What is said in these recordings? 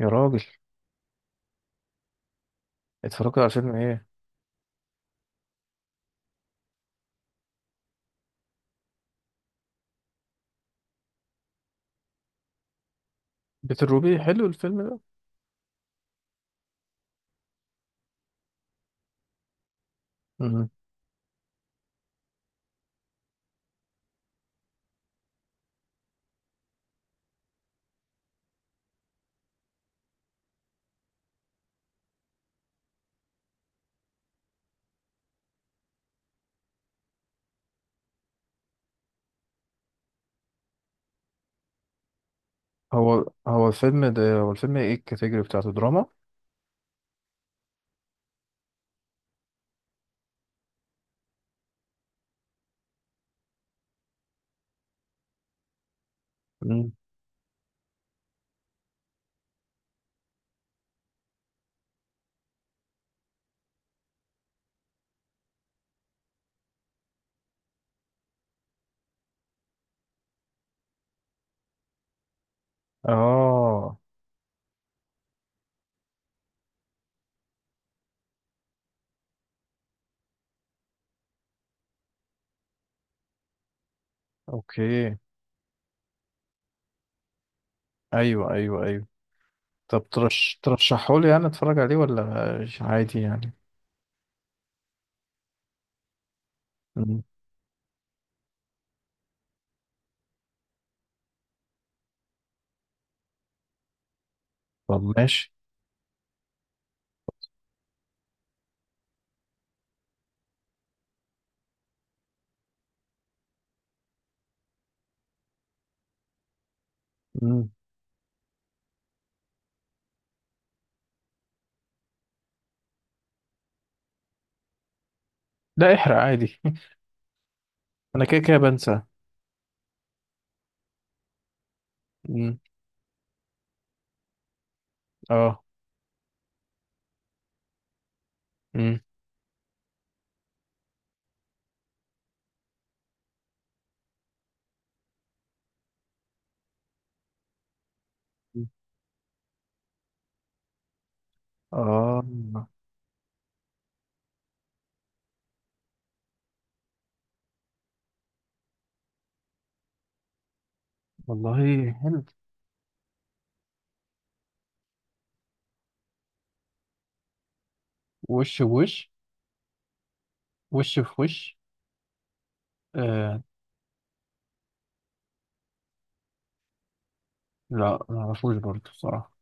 يا راجل، اتفرجت على فيلم ايه؟ بيت الروبي حلو الفيلم ده. مم. هو الفيلم ده هو الفيلم ايه الكاتيجوري بتاعته، دراما؟ مم. اه. اوكي. ايوه ايوه ايوه. طب ترشحه لي يعني اتفرج عليه ولا عادي يعني؟ مم. طب ماشي. مم. لا احرق عادي. انا كده كده بنسى. مم. اه. مم. اه. والله حلو. وش بوش. وش في وش. آه، لا ما اعرفوش برضه الصراحة.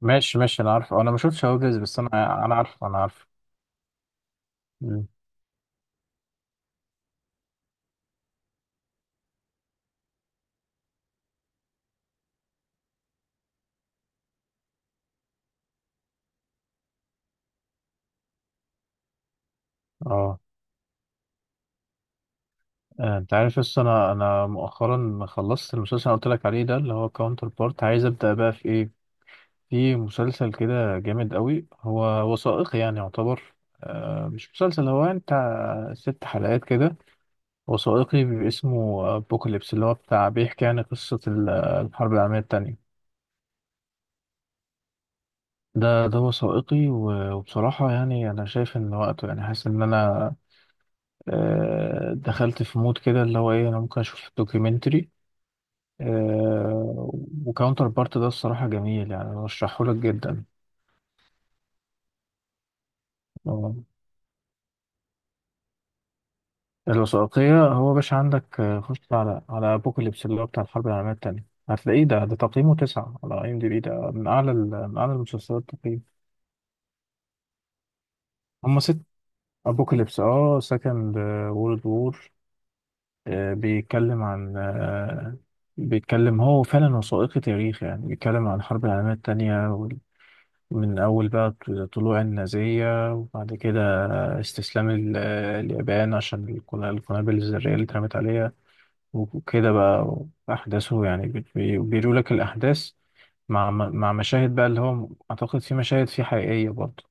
ماشي ماشي، انا عارف، انا ما شفتش هواجز بس انا عارف انا عارف. مم. اه. انت عارف، بس انا مؤخرا خلصت المسلسل اللي قلت لك عليه ده، اللي هو كاونتر بارت. عايز ابدا بقى في ايه؟ في مسلسل كده جامد قوي، هو وثائقي يعني يعتبر. مش مسلسل، هو انت، 6 حلقات كده، وثائقي، بيبقى اسمه بوكاليبس اللي هو بتاع، بيحكي يعني قصة الحرب العالمية التانية. ده وثائقي، وبصراحة يعني أنا شايف إن وقته، يعني حاسس إن أنا دخلت في مود كده، اللي هو ايه، انا ممكن اشوف دوكيومنتري. آه، وكاونتر بارت ده الصراحة جميل، يعني برشحه لك جدا. آه، الوثائقية هو باش عندك. خش على ابوكاليبس اللي هو بتاع الحرب العالمية التانية، هتلاقيه ده ده تقييمه 9 على IMDB، ده من اعلى من اعلى المسلسلات تقييم. هما 6. ابوكاليبس، سكند وورلد وور. بيتكلم عن، بيتكلم هو فعلا وثائقي تاريخ يعني، بيتكلم عن الحرب العالمية التانية من أول بقى طلوع النازية، وبعد كده استسلام اليابان عشان القنابل الذرية اللي اترمت عليها، وكده بقى. أحداثه يعني، بيقولوا لك الأحداث مع مشاهد بقى، اللي هو أعتقد في مشاهد فيه حقيقية برضه،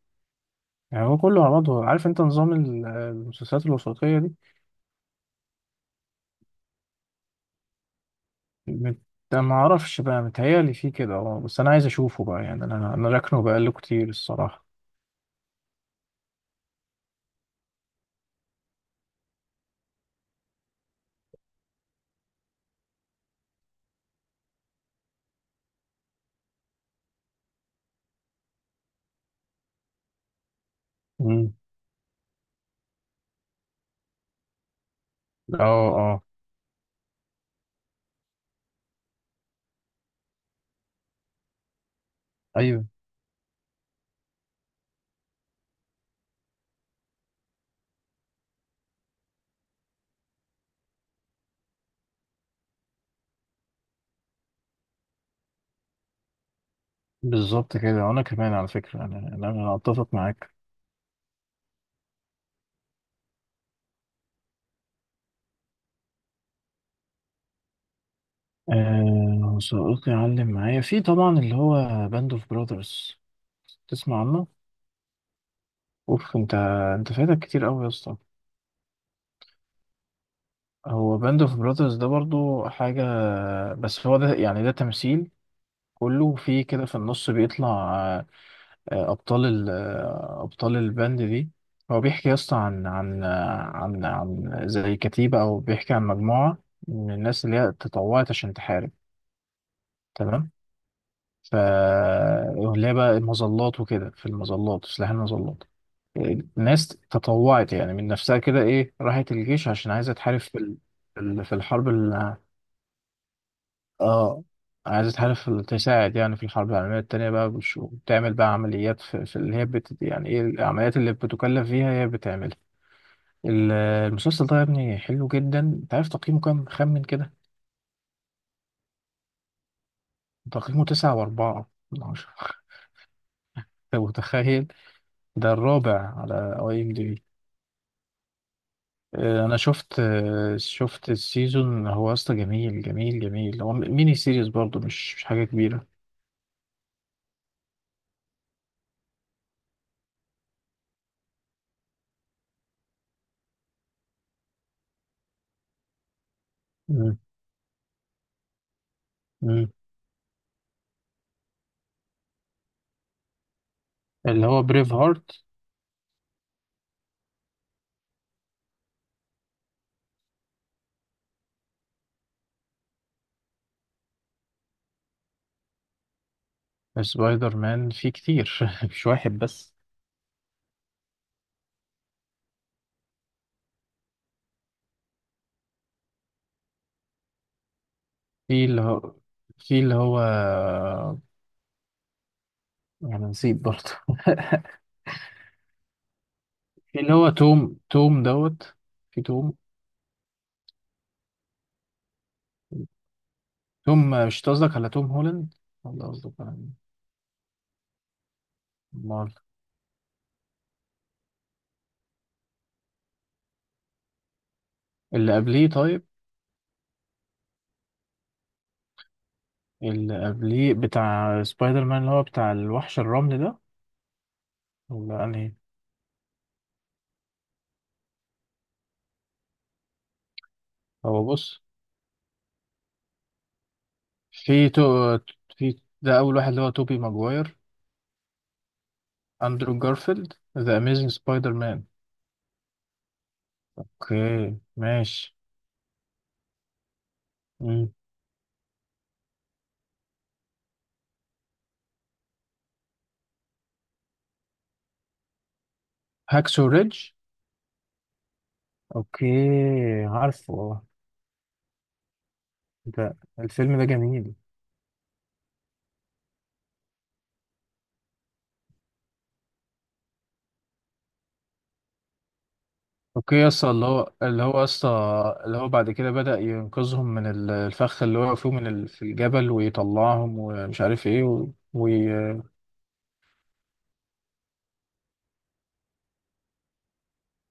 يعني هو كله على بعضه، عارف أنت نظام المسلسلات الوثائقية دي. مت- ما أعرفش بقى، متهيألي فيه كده، بس أنا عايز أشوفه بقى، يعني أنا أنا راكنه بقاله كتير الصراحة. مم. أه. أه. أيوه. بالظبط كده، وانا كمان على فكره، انا انا أنا اتفق معاك. صديقي علم معايا، في طبعا اللي هو باند اوف براذرز. تسمع عنه؟ اوف، انت، انت فايتك كتير قوي يا اسطى. هو باند اوف براذرز ده برضو حاجه، بس هو ده يعني ده تمثيل، كله في كده، في النص بيطلع، آه، آه، ابطال ال- آه، ابطال الباند دي. هو بيحكي يا اسطى عن عن زي كتيبه، او بيحكي عن مجموعه من الناس اللي هي تطوعت عشان تحارب. تمام. ف اللي هي بقى المظلات وكده، في المظلات، سلاح المظلات. الناس تطوعت يعني من نفسها كده ايه، راحت الجيش عشان عايزه تحارب في في الحرب اه، عايزه تحارب في تساعد يعني في الحرب العالميه التانيه بقى، وبتعمل بقى عمليات، في, في اللي هي يعني ايه، العمليات اللي بتكلف فيها هي بتعملها. المسلسل ده يا ابني حلو جدا، انت عارف تقييمه كام؟ خمن كده. تقييمه 9.4 من 10. أنت متخيل؟ ده الرابع على IMDB. انا شفت السيزون، هو اصلا جميل جميل جميل، هو ميني سيريز برضو، مش حاجه كبيره. مم. مم. اللي هو بريف هارت. سبايدر مان فيه كتير، مش واحد بس. في اللي هو في اللي هو، انا نسيت برضو. في اللي هو توم دوت. في توم. توم، مش قصدك على توم هولاند ولا قصدك على مين؟ امال. اللي قبليه طيب. اللي قبليه بتاع سبايدر مان اللي هو بتاع الوحش الرمل ده، ولا انهي؟ هو بص. في تو في ده اول واحد اللي هو توبي ماجواير. اندرو جارفيلد، ذا اميزنج سبايدر مان. اوكي. ماشي. مم. هاكسو ريدج. اوكي. عارفه. ده الفيلم ده جميل. اوكي يا اسطى، اللي هو يا اسطى، اللي هو بعد كده بدأ ينقذهم من الفخ اللي وقعوا فيه من في الجبل، ويطلعهم، ومش عارف ايه وي...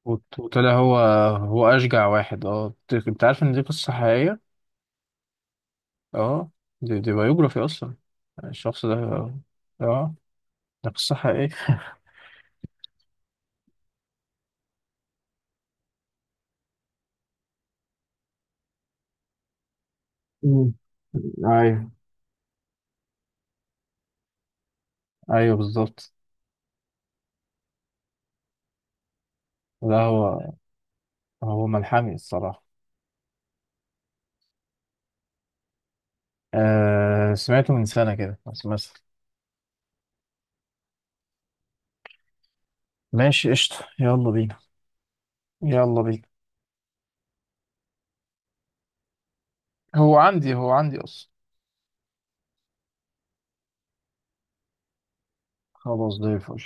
وطلع هو، هو اشجع واحد. اه، أنت عارف ان دي قصة حقيقية. اه، دي بايوجرافي اصلا الشخص ده. اه، ده قصة حقيقية. مم. ايوه، ايوه بالظبط. ده هو، هو ملحمي الصراحة. آه، سمعته من سنة كده بس مثلا. ماشي قشطة، يلا بينا. يلا بينا. هو عندي، هو عندي اصلا. خلاص، زي الفل.